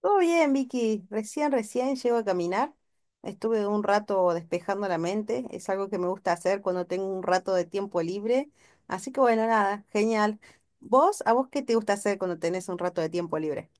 Todo bien, Vicky. Recién llego a caminar. Estuve un rato despejando la mente. Es algo que me gusta hacer cuando tengo un rato de tiempo libre. Así que bueno, nada, genial. ¿A vos qué te gusta hacer cuando tenés un rato de tiempo libre?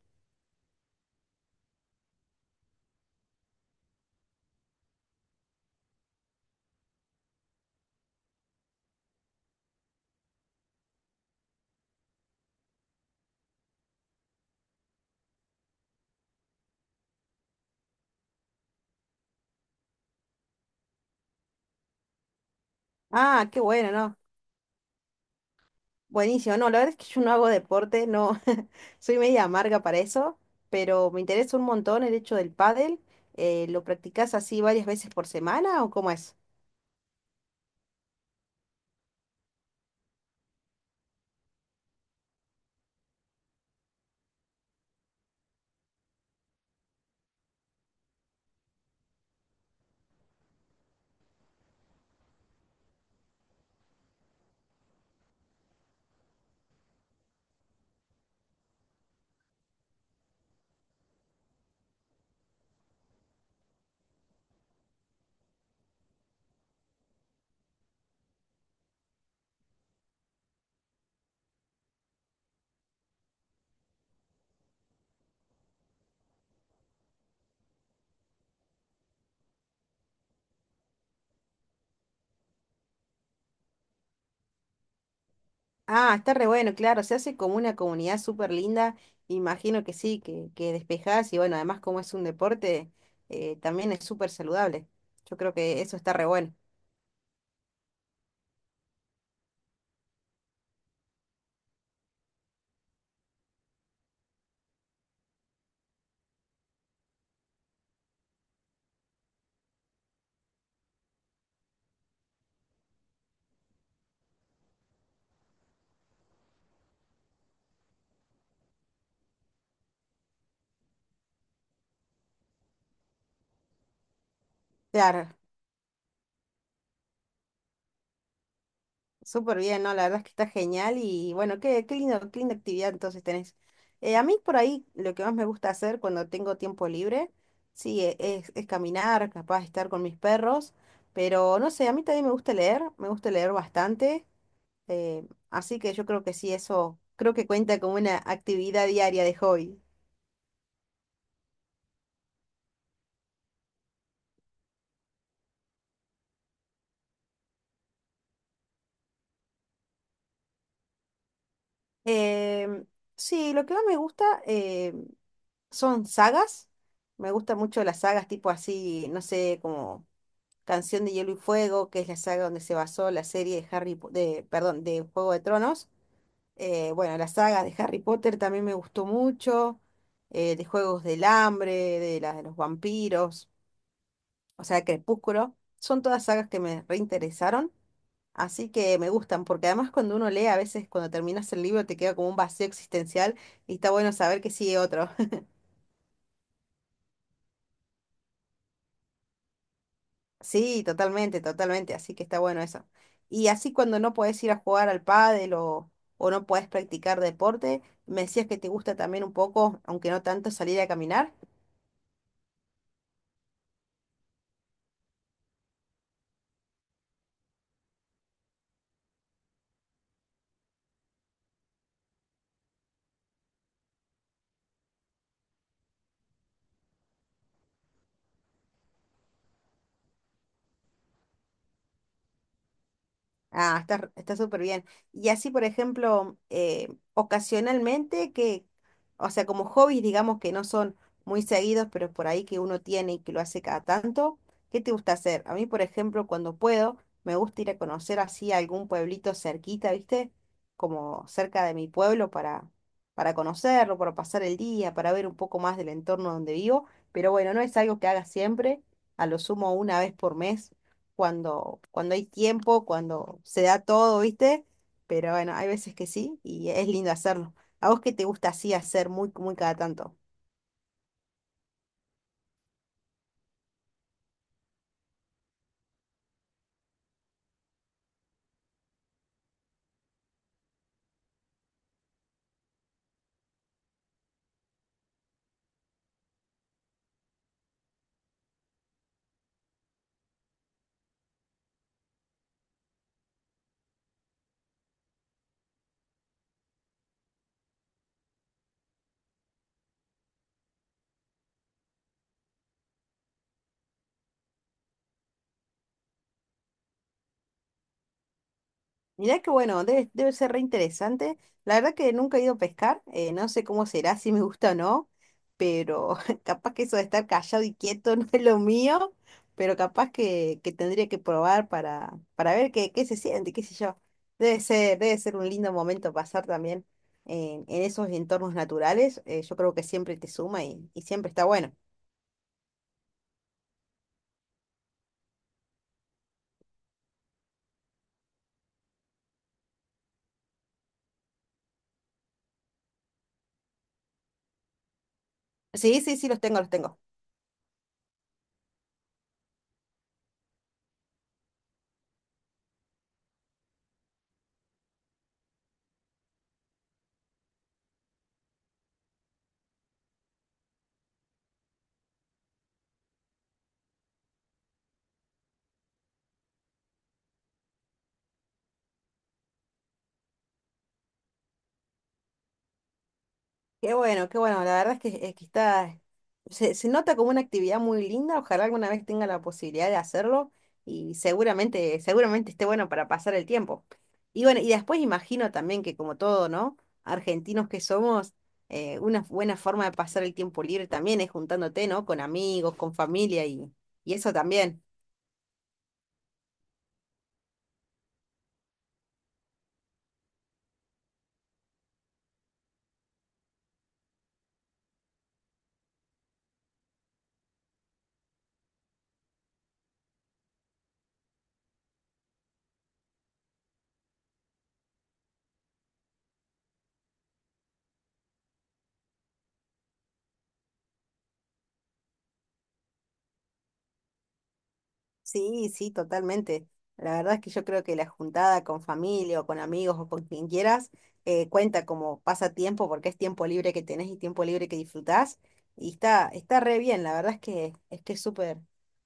Ah, qué bueno, ¿no? Buenísimo. No, la verdad es que yo no hago deporte, no. Soy media amarga para eso, pero me interesa un montón el hecho del pádel. ¿Lo practicás así varias veces por semana o cómo es? Ah, está re bueno, claro, se hace como una comunidad súper linda, imagino que sí, que despejás y bueno, además como es un deporte, también es súper saludable. Yo creo que eso está re bueno. Claro, súper bien, ¿no? La verdad es que está genial y bueno, qué lindo, qué linda actividad entonces tenés. A mí por ahí lo que más me gusta hacer cuando tengo tiempo libre, sí, es caminar, capaz de estar con mis perros, pero no sé, a mí también me gusta leer bastante. Así que yo creo que sí, eso creo que cuenta como una actividad diaria de hobby. Em, sí, lo que más me gusta son sagas. Me gustan mucho las sagas tipo así, no sé, como Canción de Hielo y Fuego, que es la saga donde se basó la serie de perdón, de Juego de Tronos. Bueno, la saga de Harry Potter también me gustó mucho, de Juegos del Hambre, de la de los vampiros, o sea, Crepúsculo. Son todas sagas que me reinteresaron. Así que me gustan, porque además cuando uno lee, a veces cuando terminas el libro te queda como un vacío existencial y está bueno saber que sigue otro. Sí, totalmente, totalmente, así que está bueno eso. Y así cuando no podés ir a jugar al pádel o no podés practicar deporte, me decías que te gusta también un poco, aunque no tanto, salir a caminar. Ah, está, está súper bien. Y así, por ejemplo, ocasionalmente que, o sea, como hobbies, digamos que no son muy seguidos, pero por ahí que uno tiene y que lo hace cada tanto, ¿qué te gusta hacer? A mí, por ejemplo, cuando puedo, me gusta ir a conocer así algún pueblito cerquita, ¿viste? Como cerca de mi pueblo para conocerlo, para pasar el día, para ver un poco más del entorno donde vivo. Pero bueno, no es algo que haga siempre, a lo sumo una vez por mes cuando, cuando hay tiempo, cuando se da todo, ¿viste? Pero bueno, hay veces que sí y es lindo hacerlo. ¿A vos qué te gusta así hacer muy, muy cada tanto? Mirá que bueno, debe, debe ser re interesante. La verdad que nunca he ido a pescar, no sé cómo será, si me gusta o no, pero capaz que eso de estar callado y quieto no es lo mío, pero capaz que tendría que probar para ver qué, qué se siente, qué sé yo. Debe ser un lindo momento pasar también en esos entornos naturales. Yo creo que siempre te suma y siempre está bueno. Sí, sí, sí, los tengo, los tengo. Qué bueno, qué bueno. La verdad es que está, se nota como una actividad muy linda. Ojalá alguna vez tenga la posibilidad de hacerlo y seguramente, seguramente esté bueno para pasar el tiempo. Y bueno, y después imagino también que como todo, ¿no? Argentinos que somos, una buena forma de pasar el tiempo libre también es juntándote, ¿no? Con amigos, con familia y eso también. Sí, sí, totalmente. La verdad es que yo creo que la juntada con familia o con amigos o con quien quieras cuenta como pasatiempo porque es tiempo libre que tenés y tiempo libre que disfrutás. Y está, está re bien, la verdad es que es que es súper,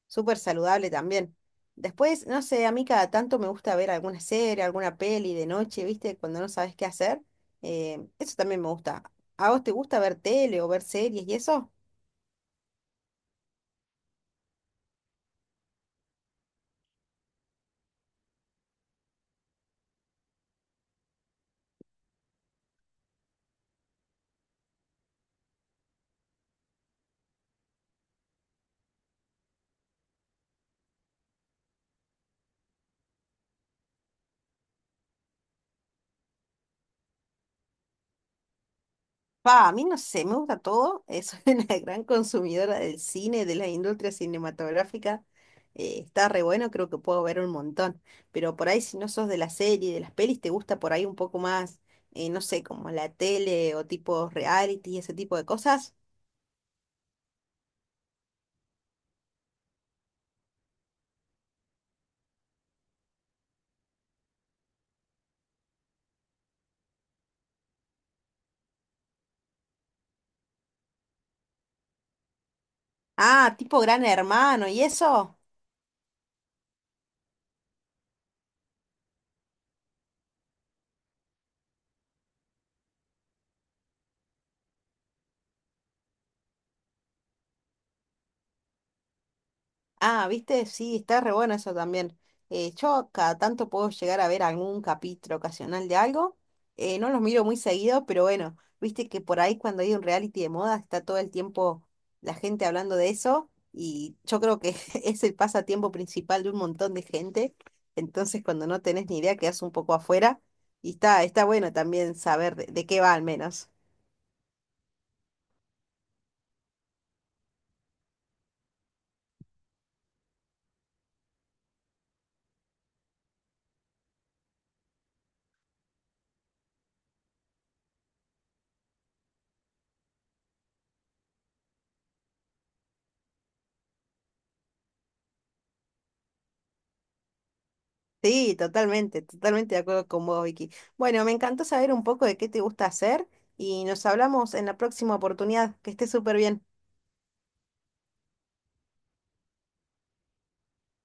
súper saludable también. Después, no sé, a mí cada tanto me gusta ver alguna serie, alguna peli de noche, ¿viste? Cuando no sabes qué hacer. Eso también me gusta. ¿A vos te gusta ver tele o ver series y eso? Pa, a mí no sé, me gusta todo. Soy una gran consumidora del cine, de la industria cinematográfica. Está re bueno, creo que puedo ver un montón. Pero por ahí, si no sos de la serie, de las pelis, te gusta por ahí un poco más, no sé, como la tele o tipo reality, y ese tipo de cosas. Ah, tipo Gran Hermano, ¿y eso? Ah, viste, sí, está re bueno eso también. Yo cada tanto puedo llegar a ver algún capítulo ocasional de algo. No los miro muy seguido, pero bueno, viste que por ahí cuando hay un reality de moda está todo el tiempo la gente hablando de eso y yo creo que es el pasatiempo principal de un montón de gente. Entonces cuando no tenés ni idea quedás un poco afuera y está, está bueno también saber de qué va al menos. Sí, totalmente, totalmente de acuerdo con vos, Vicky. Bueno, me encantó saber un poco de qué te gusta hacer y nos hablamos en la próxima oportunidad. Que estés súper bien.